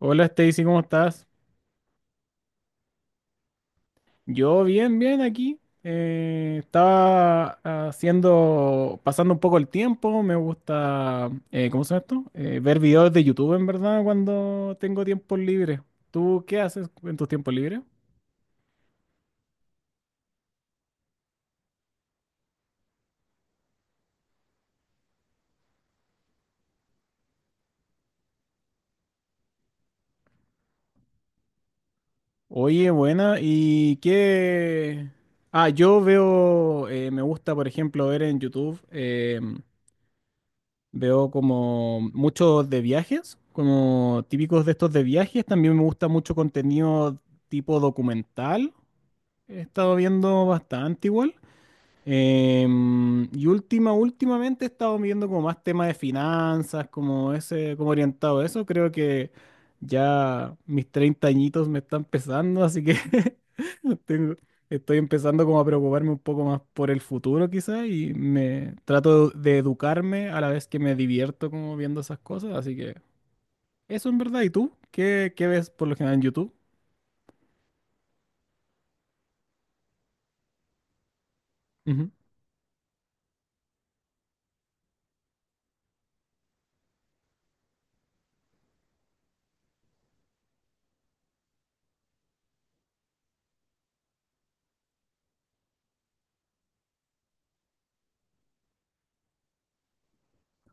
Hola Stacy, ¿cómo estás? Yo bien, bien aquí. Estaba pasando un poco el tiempo. Me gusta, ¿cómo se llama esto? Ver videos de YouTube, en verdad, cuando tengo tiempo libre. ¿Tú qué haces en tus tiempos libres? Oye, buena. ¿Y qué? Ah, yo veo, me gusta, por ejemplo, ver en YouTube. Veo como muchos de viajes, como típicos de estos de viajes. También me gusta mucho contenido tipo documental. He estado viendo bastante igual. Últimamente he estado viendo como más temas de finanzas, como ese, como orientado a eso. Creo que ya mis 30 añitos me están pesando, así que tengo- estoy empezando como a preocuparme un poco más por el futuro quizás y me trato de educarme a la vez que me divierto como viendo esas cosas. Así que eso en verdad. ¿Y tú? ¿Qué ves por lo general en YouTube?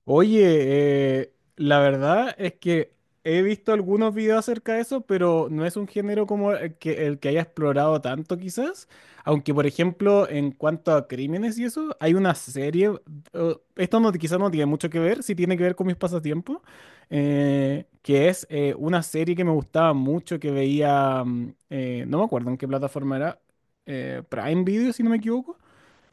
Oye, la verdad es que he visto algunos videos acerca de eso, pero no es un género como el que haya explorado tanto quizás. Aunque, por ejemplo, en cuanto a crímenes y eso, hay una serie, esto no, quizás no tiene mucho que ver, sí tiene que ver con mis pasatiempos, que es una serie que me gustaba mucho, que veía, no me acuerdo en qué plataforma era, Prime Video, si no me equivoco,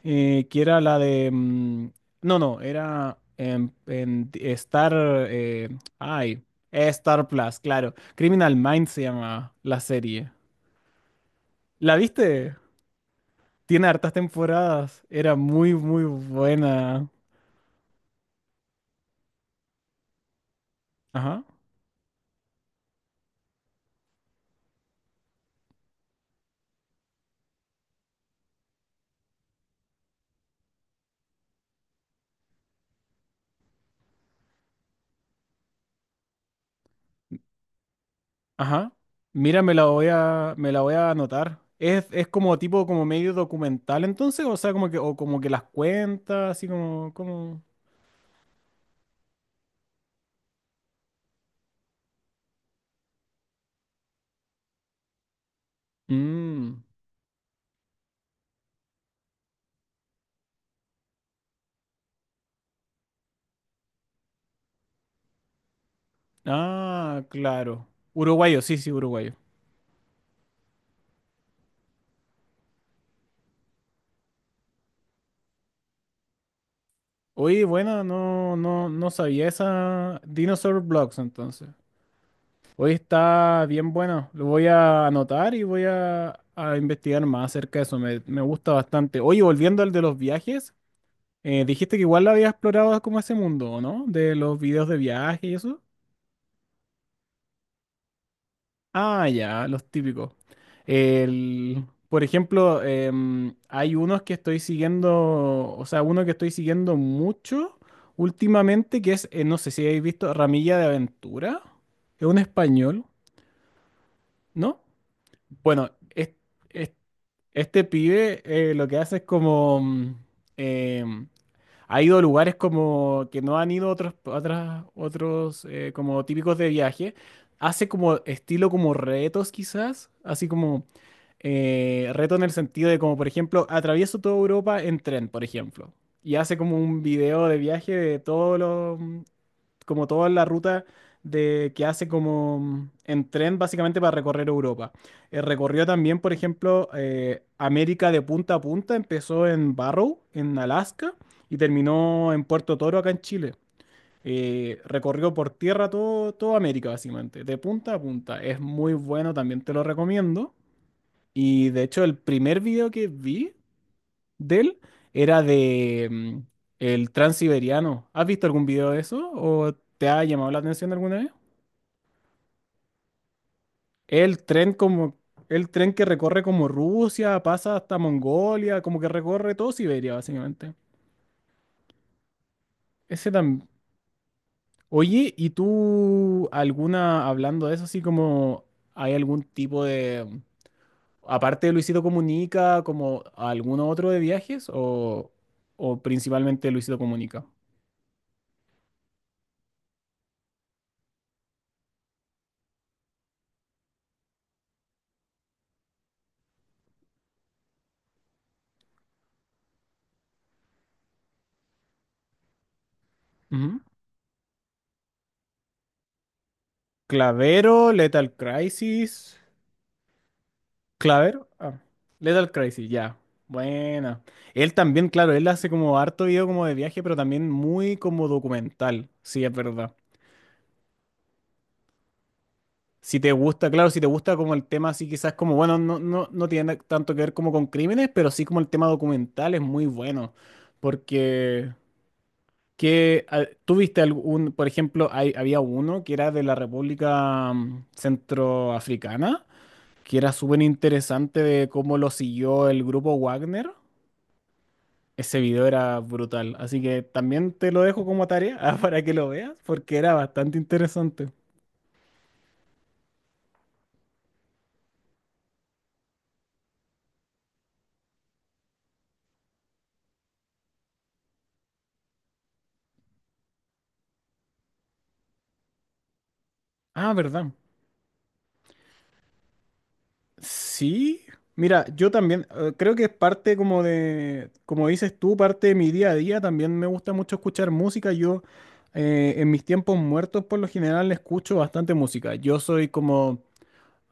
que era la de... No, no, era en Star... eh, ay, Star Plus, claro. Criminal Minds se llama la serie. ¿La viste? Tiene hartas temporadas. Era muy, muy buena. Ajá, ajá. Mira, me la voy a anotar. Es como tipo, como medio documental entonces, o sea, como que, o como que las cuentas, así como, como... Mm. Ah, claro. Uruguayo, sí, sí, uruguayo. Oye, bueno, no, no, no sabía esa Dinosaur Blocks entonces. Hoy está bien bueno. Lo voy a anotar y a investigar más acerca de eso. Me gusta bastante. Oye, volviendo al de los viajes, dijiste que igual lo había explorado como ese mundo, ¿o no? De los videos de viaje y eso. Ah, ya, los típicos. El, por ejemplo, hay unos que estoy siguiendo, o sea, uno que estoy siguiendo mucho últimamente, que es, no sé si habéis visto, Ramilla de Aventura. Es un español, ¿no? Bueno, es- es- este pibe lo que hace es como, em, ha ido a lugares como que no han ido otros, otros como típicos de viaje. Hace como estilo como retos quizás, así como reto en el sentido de como por ejemplo atravieso toda Europa en tren, por ejemplo. Y hace como un video de viaje de todos los como toda la ruta de, que hace como en tren básicamente para recorrer Europa. Recorrió también, por ejemplo, América de punta a punta, empezó en Barrow, en Alaska, y terminó en Puerto Toro, acá en Chile. Recorrió por tierra toda América, básicamente, de punta a punta. Es muy bueno, también te lo recomiendo. Y de hecho, el primer video que vi de él era de el Transiberiano. ¿Has visto algún video de eso o te ha llamado la atención alguna vez? El tren como el tren que recorre como Rusia, pasa hasta Mongolia, como que recorre todo Siberia básicamente. Ese también. Oye, ¿y tú alguna hablando de eso así como hay algún tipo de aparte de Luisito Comunica, como alguno otro de viajes o principalmente Luisito Comunica? Ujú. Clavero, Lethal Crisis. Clavero. Ah, Lethal Crisis, ya. Buena. Él también, claro, él hace como harto video como de viaje, pero también muy como documental. Sí, es verdad. Si te gusta, claro, si te gusta como el tema así, quizás como, bueno, no, no, no tiene tanto que ver como con crímenes, pero sí como el tema documental es muy bueno. Porque que ah, tú viste algún, por ejemplo, hay, había uno que era de la República Centroafricana que era súper interesante de cómo lo siguió el grupo Wagner. Ese video era brutal, así que también te lo dejo como tarea ah, para que lo veas, porque era bastante interesante. Ah, ¿verdad? Sí. Mira, yo también creo que es parte como de, como dices tú, parte de mi día a día. También me gusta mucho escuchar música. Yo en mis tiempos muertos por lo general escucho bastante música. Yo soy como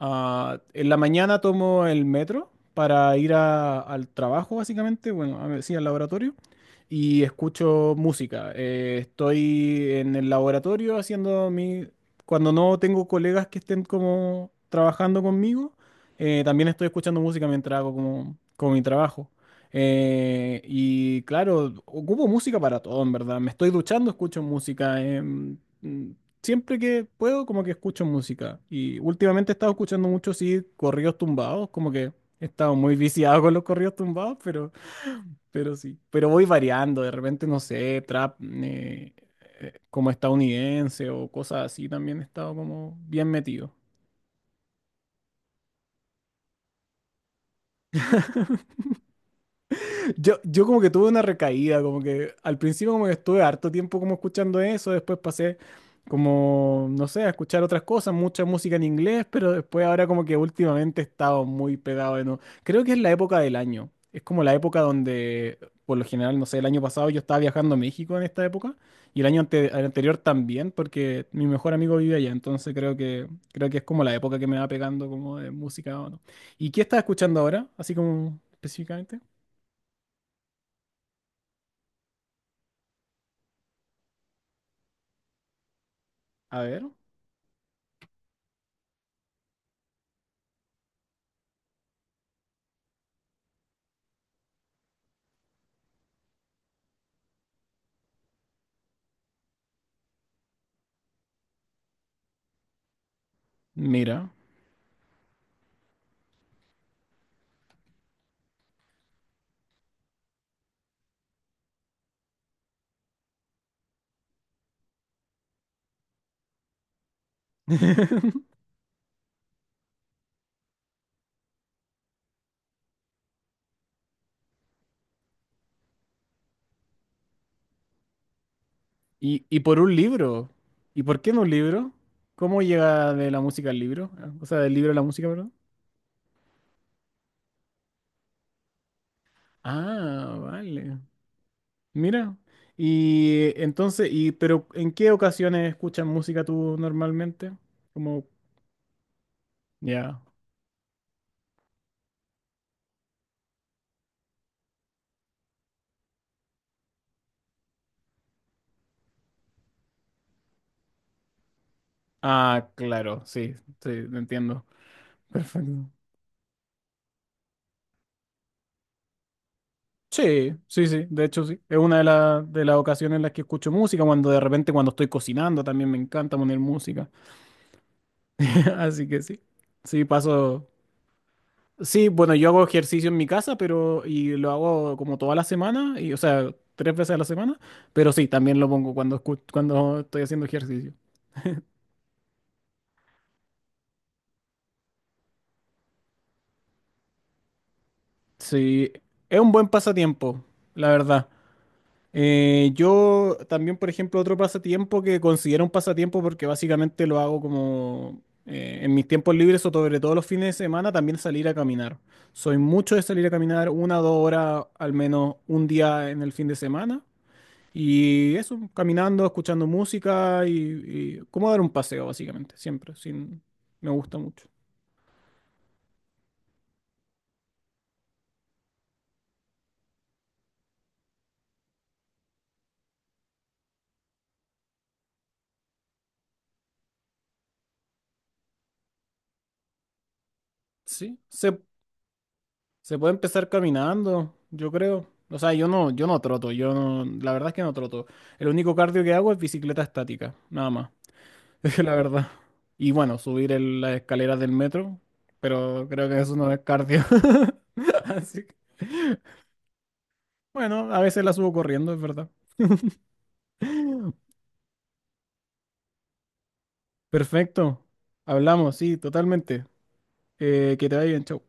ah, en la mañana tomo el metro para ir al trabajo, básicamente, bueno, a ver, sí, al laboratorio, y escucho música. Estoy en el laboratorio haciendo mi... Cuando no tengo colegas que estén como trabajando conmigo, también estoy escuchando música mientras hago como mi trabajo. Y claro, ocupo música para todo, en verdad. Me estoy duchando, escucho música. Siempre que puedo, como que escucho música. Y últimamente he estado escuchando mucho, sí, corridos tumbados, como que he estado muy viciado con los corridos tumbados, pero sí. Pero voy variando, de repente, no sé, trap como estadounidense o cosas así, también he estado como bien metido. Yo como que tuve una recaída, como que al principio como que estuve harto tiempo como escuchando eso, después pasé como, no sé, a escuchar otras cosas, mucha música en inglés, pero después ahora como que últimamente he estado muy pegado de nuevo. Creo que es la época del año, es como la época donde, por lo general, no sé, el año pasado yo estaba viajando a México en esta época y el año el anterior también, porque mi mejor amigo vive allá, entonces creo que es como la época que me va pegando como de música o no. ¿Y qué estás escuchando ahora, así como específicamente? A ver. Mira. Y, ¿y por un libro? ¿Y por qué no un libro? ¿Cómo llega de la música al libro? O sea, del libro a la música, perdón. Ah, vale. Mira. Y entonces, y pero ¿en qué ocasiones escuchas música tú normalmente? Como, ya. Ah, claro, sí, sí, te entiendo. Perfecto. Sí, sí, sí, de hecho sí. Es una de de las ocasiones en las que escucho música, cuando de repente cuando estoy cocinando también me encanta poner música. Así que sí. Sí, paso. Sí, bueno, yo hago ejercicio en mi casa, pero y lo hago como toda la semana, y o sea, 3 veces a la semana, pero sí, también lo pongo cuando cuando estoy haciendo ejercicio. Sí, es un buen pasatiempo, la verdad. Yo también, por ejemplo, otro pasatiempo que considero un pasatiempo porque básicamente lo hago como en mis tiempos libres o sobre todo los fines de semana, también salir a caminar. Soy mucho de salir a caminar 1 o 2 horas al menos un día en el fin de semana. Y eso, caminando, escuchando música y como dar un paseo, básicamente, siempre, sin, me gusta mucho. Sí, se puede empezar caminando, yo creo. O sea, yo no, yo no troto, yo no, la verdad es que no troto. El único cardio que hago es bicicleta estática, nada más, es la verdad. Y bueno, subir las escaleras del metro, pero creo que eso no es cardio. Así que, bueno, a veces la subo corriendo, es verdad. Perfecto, hablamos, sí, totalmente. Que te vaya bien, chau.